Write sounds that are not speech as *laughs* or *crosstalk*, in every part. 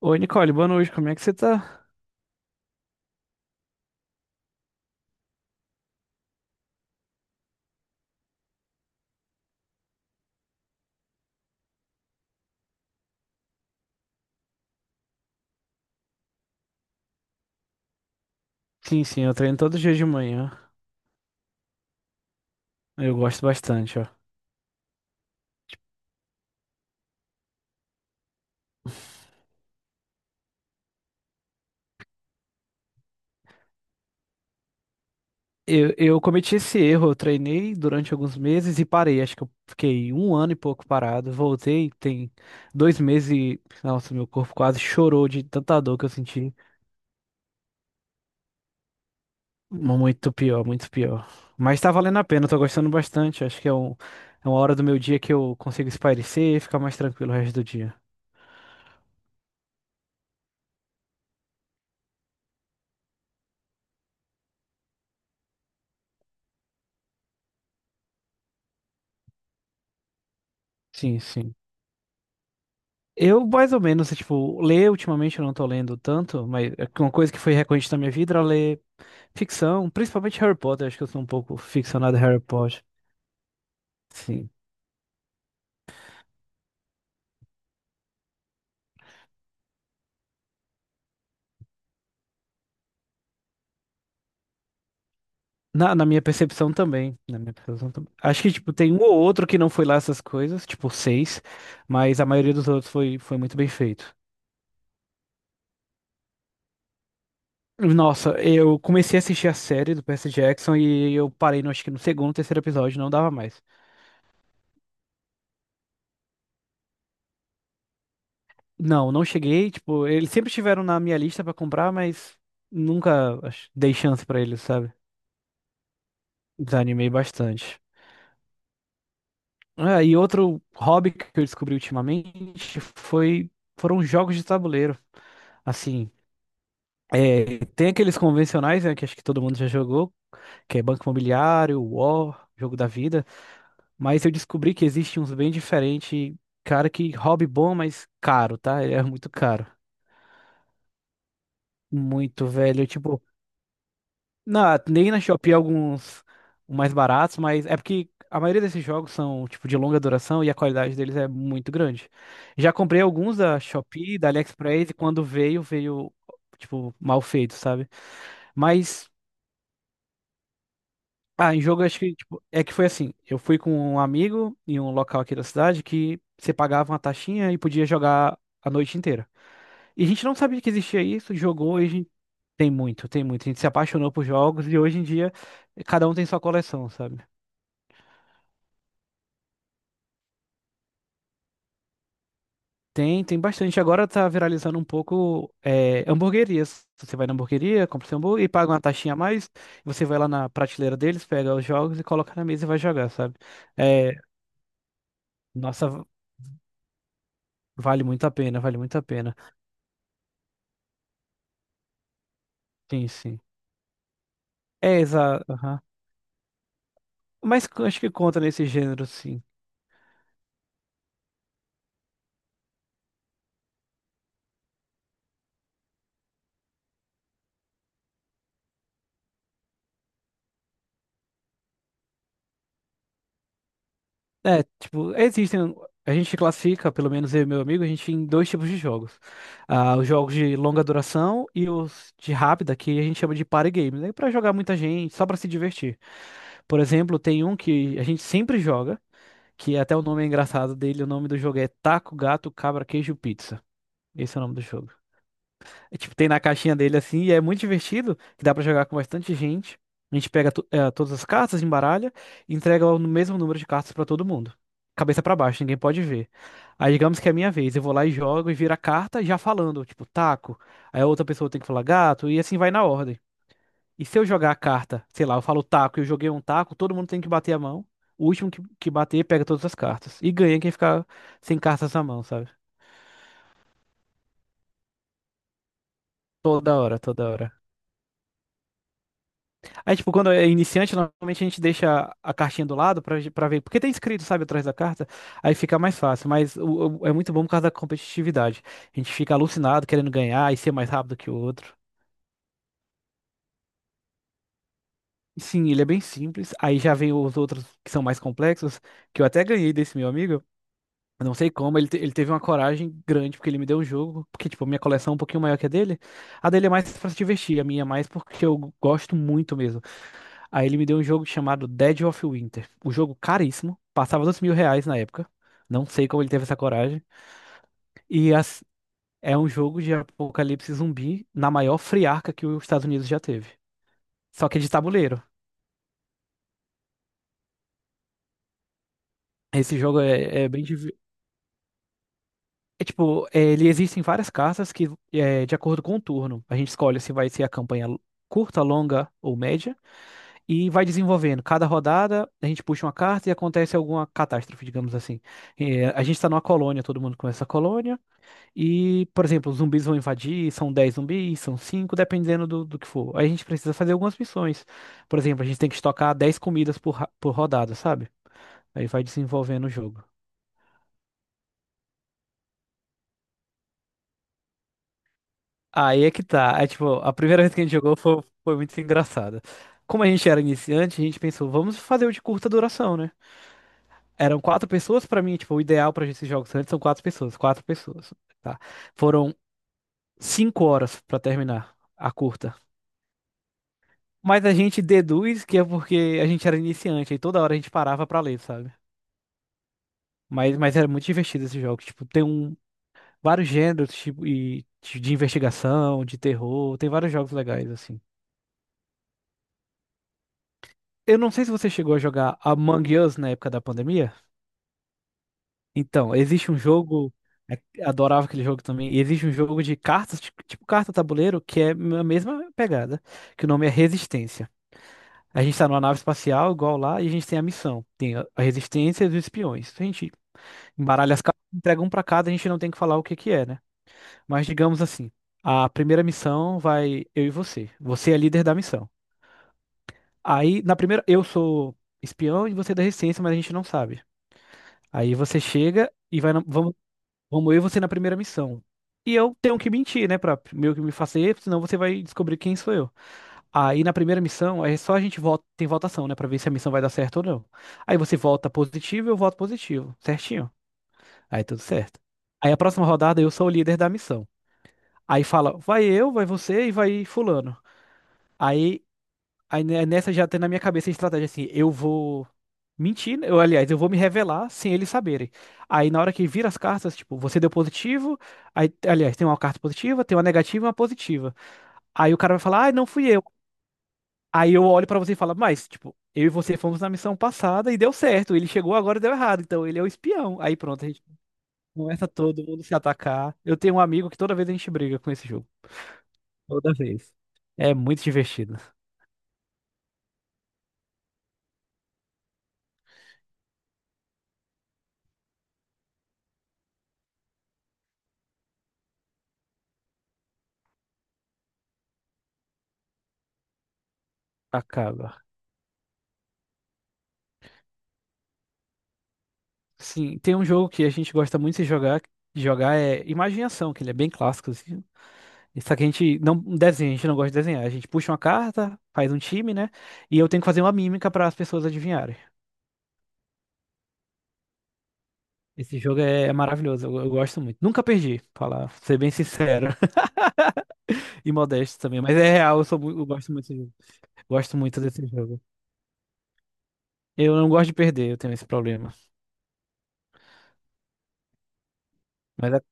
Oi, Nicole, boa noite, como é que você tá? Sim, sim, eu treino todo dia de manhã. Eu gosto bastante, ó. Eu cometi esse erro, eu treinei durante alguns meses e parei. Acho que eu fiquei um ano e pouco parado. Voltei, tem 2 meses e. Nossa, meu corpo quase chorou de tanta dor que eu senti. Muito pior, muito pior. Mas tá valendo a pena, eu tô gostando bastante. Acho que é uma hora do meu dia que eu consigo espairecer e ficar mais tranquilo o resto do dia. Sim, sim. Eu, mais ou menos, tipo, ler ultimamente eu não tô lendo tanto, mas é uma coisa que foi recorrente na minha vida era ler. Ficção, principalmente Harry Potter, acho que eu sou um pouco ficcionado em Harry Potter. Sim. Na minha percepção também. Na minha percepção também. Acho que, tipo, tem um ou outro que não foi lá essas coisas, tipo, seis, mas a maioria dos outros foi muito bem feito. Nossa, eu comecei a assistir a série do Percy Jackson e eu parei, acho que no segundo, terceiro episódio, não dava mais. Não, não cheguei, tipo, eles sempre estiveram na minha lista pra comprar, mas nunca dei chance pra eles, sabe? Desanimei bastante. E outro hobby que eu descobri ultimamente foi foram jogos de tabuleiro. Assim, tem aqueles convencionais, né, que acho que todo mundo já jogou, que é Banco Imobiliário, War, Jogo da Vida, mas eu descobri que existe uns bem diferentes, cara, que hobby bom, mas caro, tá? É muito caro. Muito, velho. Tipo, Nem na Shopee é alguns mais baratos, mas é porque a maioria desses jogos são tipo de longa duração e a qualidade deles é muito grande. Já comprei alguns da Shopee, da AliExpress e quando veio tipo mal feito, sabe? Mas em jogo eu acho que tipo, é que foi assim, eu fui com um amigo em um local aqui da cidade que você pagava uma taxinha e podia jogar a noite inteira. E a gente não sabia que existia isso, jogou e a gente tem muito, tem muito. A gente se apaixonou por jogos e hoje em dia cada um tem sua coleção, sabe? Tem, tem bastante. Agora tá viralizando um pouco hamburguerias. Você vai na hamburgueria, compra seu hambúrguer e paga uma taxinha a mais. Você vai lá na prateleira deles, pega os jogos e coloca na mesa e vai jogar, sabe? É, nossa, vale muito a pena, vale muito a pena. Sim, sim. É, exato. Acho que conta nesse gênero, sim. É, tipo, existem. A gente classifica, pelo menos eu e meu amigo, a gente em dois tipos de jogos. Ah, os jogos de longa duração e os de rápida, que a gente chama de party games, né? Pra jogar muita gente, só pra se divertir. Por exemplo, tem um que a gente sempre joga, que até o nome é engraçado dele, o nome do jogo é Taco, Gato, Cabra, Queijo, Pizza. Esse é o nome do jogo. É, tipo, tem na caixinha dele assim, e é muito divertido, que dá pra jogar com bastante gente. A gente pega todas as cartas, embaralha e entrega o mesmo número de cartas pra todo mundo. Cabeça pra baixo, ninguém pode ver. Aí digamos que é minha vez, eu vou lá e jogo e viro a carta já falando, tipo, taco. Aí a outra pessoa tem que falar gato e assim vai na ordem. E se eu jogar a carta, sei lá, eu falo taco e eu joguei um taco, todo mundo tem que bater a mão. O último que bater pega todas as cartas. E ganha quem ficar sem cartas na mão, sabe? Toda hora, toda hora. Aí, tipo, quando é iniciante, normalmente a gente deixa a cartinha do lado pra, pra ver. Porque tem escrito, sabe, atrás da carta. Aí fica mais fácil. Mas é muito bom por causa da competitividade. A gente fica alucinado querendo ganhar e ser mais rápido que o outro. Sim, ele é bem simples. Aí já vem os outros que são mais complexos, que eu até ganhei desse meu amigo. Eu não sei como, ele teve uma coragem grande, porque ele me deu um jogo. Porque, tipo, a minha coleção é um pouquinho maior que a dele. A dele é mais pra se divertir, a minha é mais porque eu gosto muito mesmo. Aí ele me deu um jogo chamado Dead of Winter. O jogo caríssimo. Passava 2 mil reais na época. Não sei como ele teve essa coragem. E as- É um jogo de apocalipse zumbi na maior friarca que os Estados Unidos já teve. Só que é de tabuleiro. Esse jogo é bem. É tipo, ele existem várias cartas que, de acordo com o turno, a gente escolhe se vai ser a campanha curta, longa ou média. E vai desenvolvendo. Cada rodada a gente puxa uma carta e acontece alguma catástrofe, digamos assim. É, a gente está numa colônia, todo mundo começa a colônia. E, por exemplo, os zumbis vão invadir, são 10 zumbis, são 5, dependendo do, do que for. Aí a gente precisa fazer algumas missões. Por exemplo, a gente tem que estocar 10 comidas por rodada, sabe? Aí vai desenvolvendo o jogo. Aí é que tá. É tipo, a primeira vez que a gente jogou foi muito engraçada. Como a gente era iniciante, a gente pensou, vamos fazer o de curta duração, né? Eram quatro pessoas pra mim, tipo, o ideal pra esses jogos antes são quatro pessoas, tá? Foram 5 horas pra terminar a curta. Mas a gente deduz que é porque a gente era iniciante e toda hora a gente parava pra ler, sabe? Mas, era muito divertido esse jogo. Tipo, tem um, vários gêneros, tipo, e, de investigação, de terror, tem vários jogos legais, assim. Eu não sei se você chegou a jogar Among Us na época da pandemia. Então, existe um jogo. Adorava aquele jogo também. E existe um jogo de cartas, tipo carta tabuleiro, que é a mesma pegada, que o nome é Resistência. A gente tá numa nave espacial, igual lá, e a gente tem a missão. Tem a Resistência e os espiões. Então, a gente embaralha as cartas, entrega um pra cada, a gente não tem que falar o que que é, né? Mas digamos assim, a primeira missão vai eu e você. Você é líder da missão. Aí, na primeira, eu sou espião e você é da resistência, mas a gente não sabe. Aí você chega e vai, vamos, vamos eu e você na primeira missão. E eu tenho que mentir, né, pra meio que me fazer, senão você vai descobrir quem sou eu. Aí na primeira missão, é só a gente vota, tem votação, né, pra ver se a missão vai dar certo ou não. Aí você vota positivo, eu voto positivo, certinho. Aí tudo certo. Aí a próxima rodada eu sou o líder da missão. Aí fala, vai eu, vai você e vai fulano. Aí, aí, nessa já tem na minha cabeça a estratégia assim, eu vou mentir, né, eu, aliás, eu vou me revelar sem eles saberem. Aí na hora que vira as cartas, tipo, você deu positivo, aí, aliás, tem uma carta positiva, tem uma negativa e uma positiva. Aí o cara vai falar, ah, não fui eu. Aí eu olho pra você e falo, mas, tipo, eu e você fomos na missão passada e deu certo. Ele chegou agora e deu errado, então ele é o espião. Aí pronto, a gente começa todo mundo se atacar. Eu tenho um amigo que toda vez a gente briga com esse jogo. Toda vez. É muito divertido. Acaba. Sim, tem um jogo que a gente gosta muito de jogar. De jogar é Imaginação, que ele é bem clássico, assim. Só que a gente não desenha, a gente não gosta de desenhar. A gente puxa uma carta, faz um time, né? E eu tenho que fazer uma mímica para as pessoas adivinharem. Esse jogo é, é maravilhoso, eu gosto muito. Nunca perdi, pra falar, ser bem sincero. *laughs* E modesto também, mas é real, eu gosto muito desse jogo. Gosto muito desse jogo. Eu não gosto de perder, eu tenho esse problema. Mas é-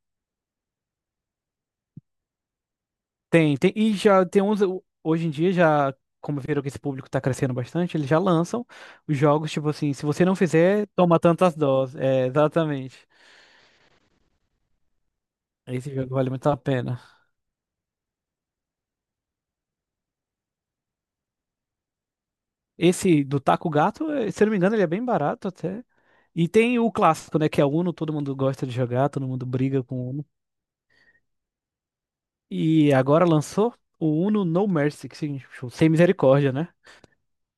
Tem, tem. E já tem uns. Hoje em dia, já, como viram que esse público tá crescendo bastante, eles já lançam os jogos, tipo assim, se você não fizer, toma tantas doses. É, exatamente. Esse jogo vale muito a pena. Esse do Taco Gato, eh, se eu não me engano, ele é bem barato até. E tem o clássico, né? Que é o Uno, todo mundo gosta de jogar, todo mundo briga com o Uno. E agora lançou o Uno No Mercy, que significa tipo, sem misericórdia, né?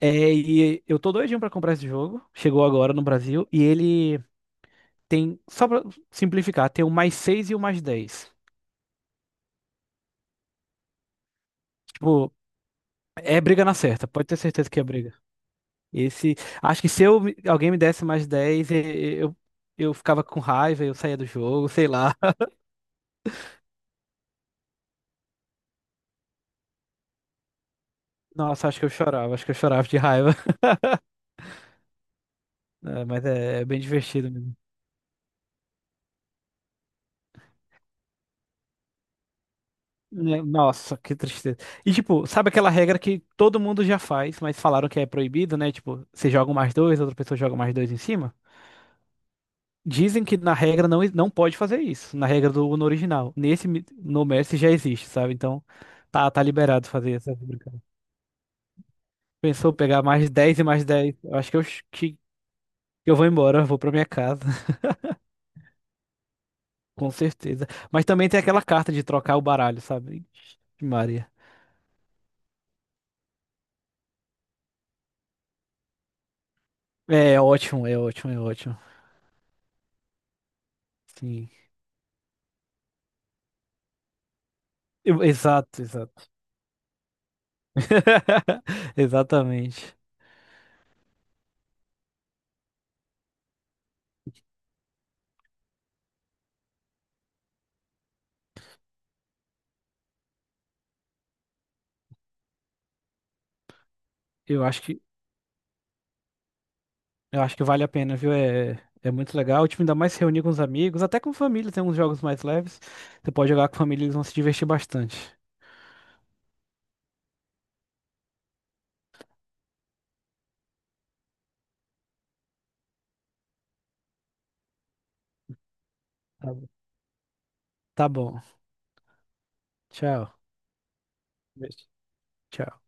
É, e eu tô doidinho pra comprar esse jogo. Chegou agora no Brasil. E ele tem, só pra simplificar, tem o mais 6 e o mais dez. Tipo, é briga na certa. Pode ter certeza que é briga. Esse, acho que se eu, alguém me desse mais 10 eu ficava com raiva, eu saía do jogo, sei lá. *laughs* Nossa, acho que eu chorava, acho que eu chorava de raiva. *laughs* É, mas é bem divertido mesmo. Né, nossa, que tristeza. E tipo, sabe aquela regra que todo mundo já faz, mas falaram que é proibido, né? Tipo, você joga um mais dois, outra pessoa joga mais dois em cima? Dizem que na regra não, não pode fazer isso, na regra do no original. No Messi já existe, sabe? Então tá, tá liberado fazer essa brincadeira. Pensou pegar mais 10 e mais dez. Eu acho que que eu vou embora, eu vou pra minha casa, *laughs* com certeza. Mas também tem aquela carta de trocar o baralho, sabe? Ixi, Maria. É ótimo, é ótimo, é ótimo. Sim. Exato, exato. *laughs* Exatamente. Eu acho que Eu acho que vale a pena, viu? É, é muito legal. O time ainda mais se reunir com os amigos, até com família, tem uns jogos mais leves. Você pode jogar com a família, eles vão se divertir bastante. Tá bom. Tá bom. Tchau. Beijo. Tchau.